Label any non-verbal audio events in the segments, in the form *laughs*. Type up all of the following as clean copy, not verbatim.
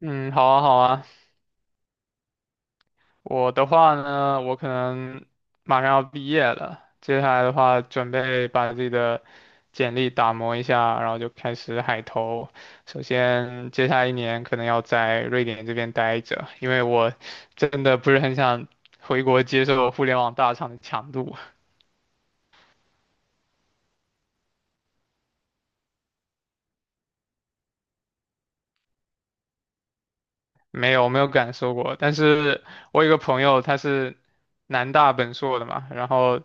嗯，好啊，好啊。我的话呢，我可能马上要毕业了，接下来的话，准备把自己的简历打磨一下，然后就开始海投。首先，接下来一年可能要在瑞典这边待着，因为我真的不是很想回国接受互联网大厂的强度。没有我没有感受过，但是我有个朋友他是南大本硕的嘛，然后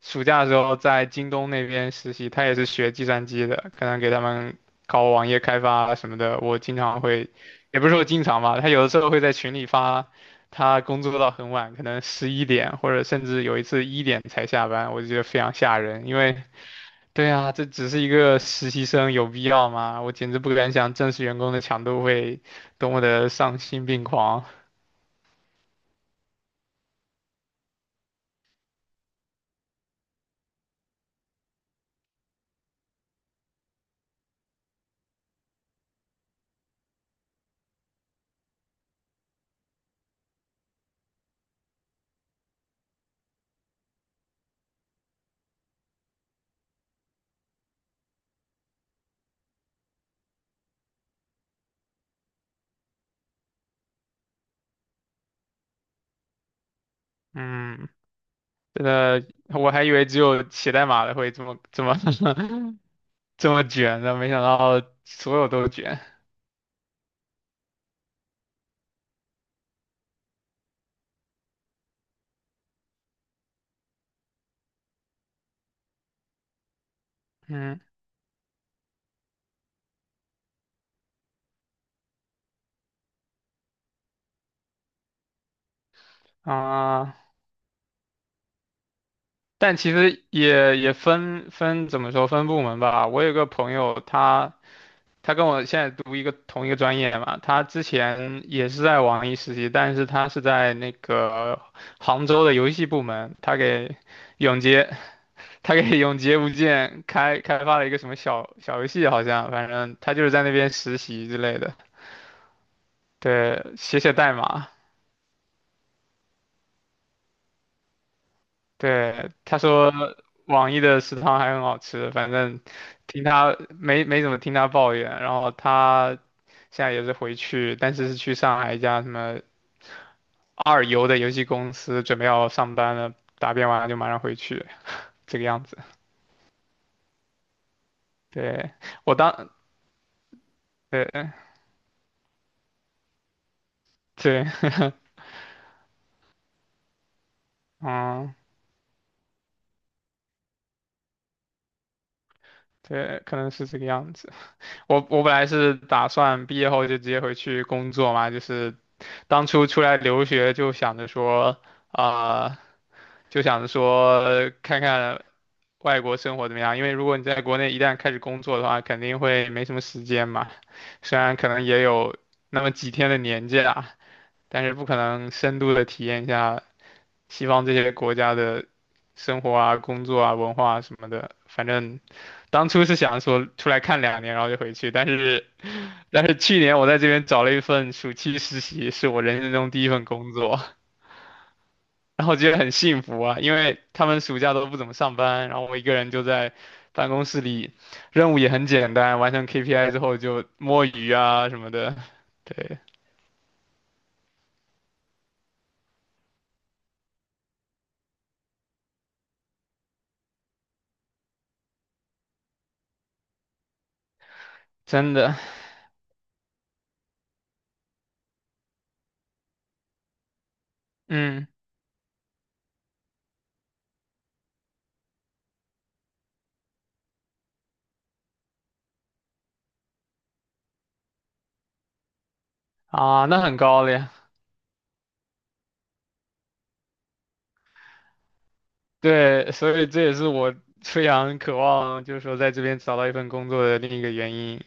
暑假的时候在京东那边实习，他也是学计算机的，可能给他们搞网页开发啊什么的。我经常会，也不是说经常吧，他有的时候会在群里发，他工作到很晚，可能十一点或者甚至有一次一点才下班，我就觉得非常吓人，因为对啊，这只是一个实习生，有必要吗？我简直不敢想正式员工的强度会多么的丧心病狂。嗯，真的，我还以为只有写代码的会这么这么 *laughs* 这么卷的，没想到所有都卷。嗯啊，但其实也分怎么说分部门吧。我有个朋友他。他跟我现在读同一个专业嘛，他之前也是在网易实习，但是他是在那个杭州的游戏部门，他给永劫，*laughs* 他给永劫无间开发了一个什么小小游戏，好像反正他就是在那边实习之类的，对，写写代码，对，他说网易的食堂还很好吃，反正听他没怎么听他抱怨，然后他现在也是回去，但是是去上海一家什么二游的游戏公司，准备要上班了，答辩完了就马上回去，这个样子。对，我当，对对，嗯。对，可能是这个样子。我本来是打算毕业后就直接回去工作嘛，就是当初出来留学就想着说，啊、看看外国生活怎么样。因为如果你在国内一旦开始工作的话，肯定会没什么时间嘛。虽然可能也有那么几天的年假，但是不可能深度的体验一下西方这些国家的生活啊、工作啊、文化啊什么的。反正当初是想说出来看两年，然后就回去，但是去年我在这边找了一份暑期实习，是我人生中第一份工作，然后觉得很幸福啊，因为他们暑假都不怎么上班，然后我一个人就在办公室里，任务也很简单，完成 KPI 之后就摸鱼啊什么的，对，真的，嗯，啊，那很高了呀。对，所以这也是我非常渴望，就是说在这边找到一份工作的另一个原因，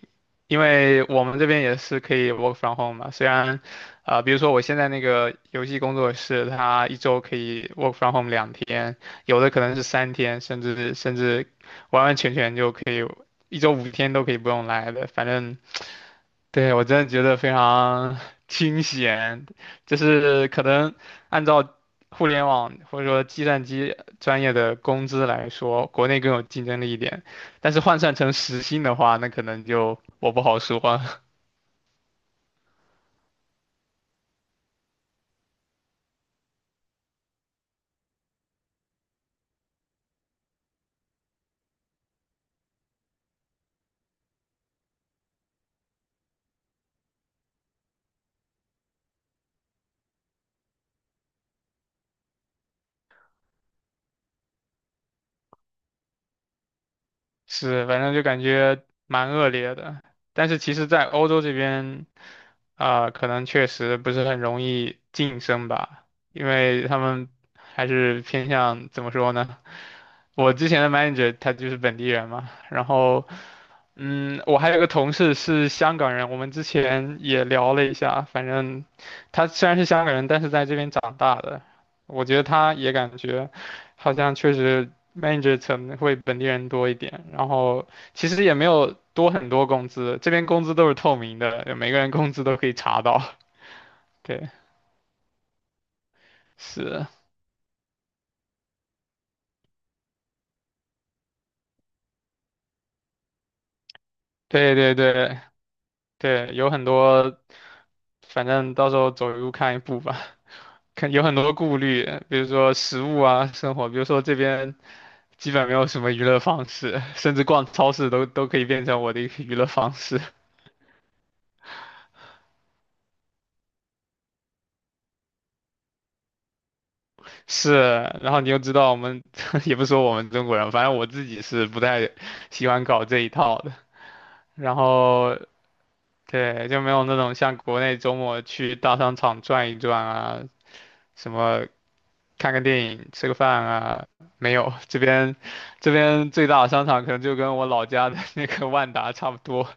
因为我们这边也是可以 work from home 嘛。虽然，比如说我现在那个游戏工作室，它一周可以 work from home 两天，有的可能是三天，甚至完完全全就可以一周五天都可以不用来的，反正对，我真的觉得非常清闲，就是可能按照互联网或者说计算机专业的工资来说，国内更有竞争力一点，但是换算成时薪的话，那可能就我不好说。*laughs* 是，反正就感觉蛮恶劣的。但是其实，在欧洲这边，可能确实不是很容易晋升吧，因为他们还是偏向怎么说呢？我之前的 manager 他就是本地人嘛，然后，我还有个同事是香港人，我们之前也聊了一下，反正他虽然是香港人，但是在这边长大的，我觉得他也感觉好像确实 manager 层会本地人多一点，然后其实也没有多很多工资，这边工资都是透明的，每个人工资都可以查到。对，是，对对对对，有很多，反正到时候走一步看一步吧。看有很多顾虑，比如说食物啊，生活，比如说这边基本没有什么娱乐方式，甚至逛超市都都可以变成我的一个娱乐方式。是，然后你又知道我们 *laughs* 也不说我们中国人，反正我自己是不太喜欢搞这一套的。然后对，就没有那种像国内周末去大商场转一转啊，什么看个电影、吃个饭啊，没有。这边最大的商场可能就跟我老家的 *laughs* 那个万达差不多，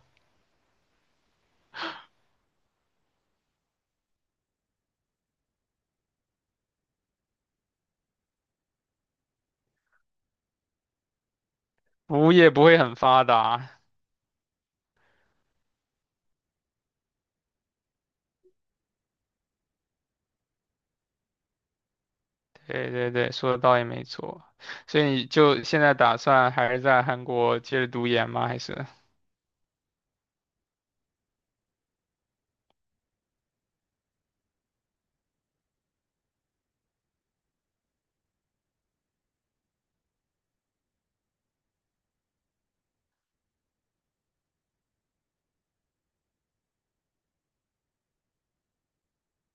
服务业不会很发达。对对对，说的倒也没错。所以你就现在打算还是在韩国接着读研吗？还是？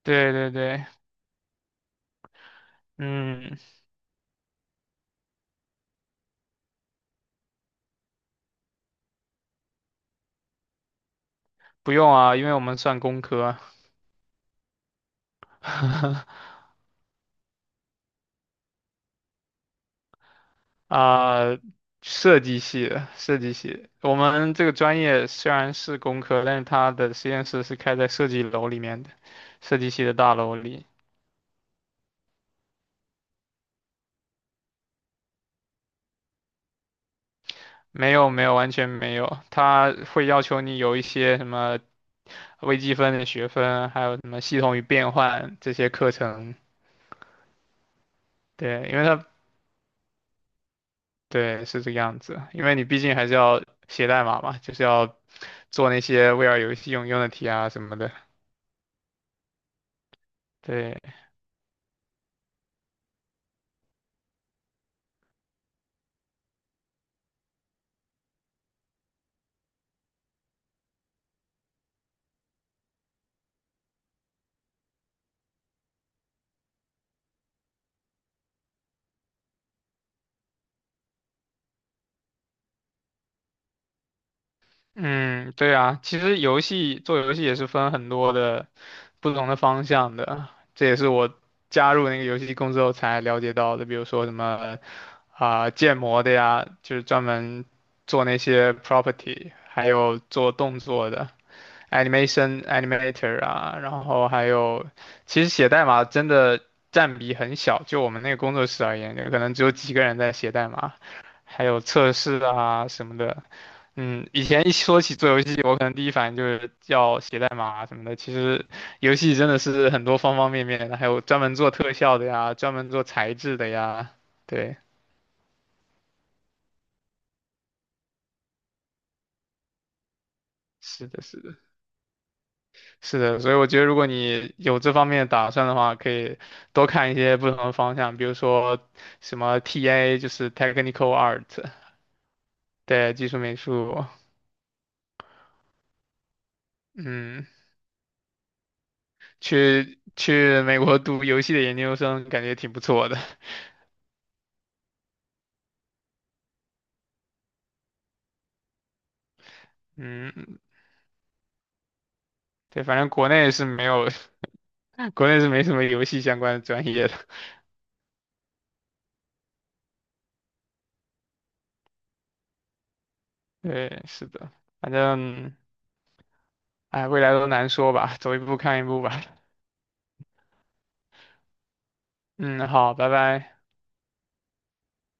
对对对，嗯，不用啊，因为我们算工科。*laughs* 啊、设计系的，设计系。我们这个专业虽然是工科，但是它的实验室是开在设计楼里面的，设计系的大楼里。没有，没有，完全没有。它会要求你有一些什么微积分的学分，还有什么系统与变换这些课程。对，因为它对是这个样子，因为你毕竟还是要写代码嘛，就是要做那些 VR 游戏用用的题啊什么的。对，嗯，对啊，其实做游戏也是分很多的不同的方向的，这也是我加入那个游戏公司后才了解到的，比如说什么建模的呀，就是专门做那些 property,还有做动作的 animator 啊，然后还有其实写代码真的占比很小，就我们那个工作室而言，可能只有几个人在写代码，还有测试啊什么的。嗯，以前一说起做游戏，我可能第一反应就是要写代码啊什么的。其实游戏真的是很多方方面面的，还有专门做特效的呀，专门做材质的呀。对，是的，是的，是的。所以我觉得，如果你有这方面的打算的话，可以多看一些不同的方向，比如说什么 TA,就是 Technical Art,对，技术美术。嗯，去美国读游戏的研究生，感觉挺不错的。嗯，对，反正国内是没有。国内是没什么游戏相关的专业的。*laughs* 对，是的，反正，哎，未来都难说吧，走一步看一步吧。嗯，好，拜拜。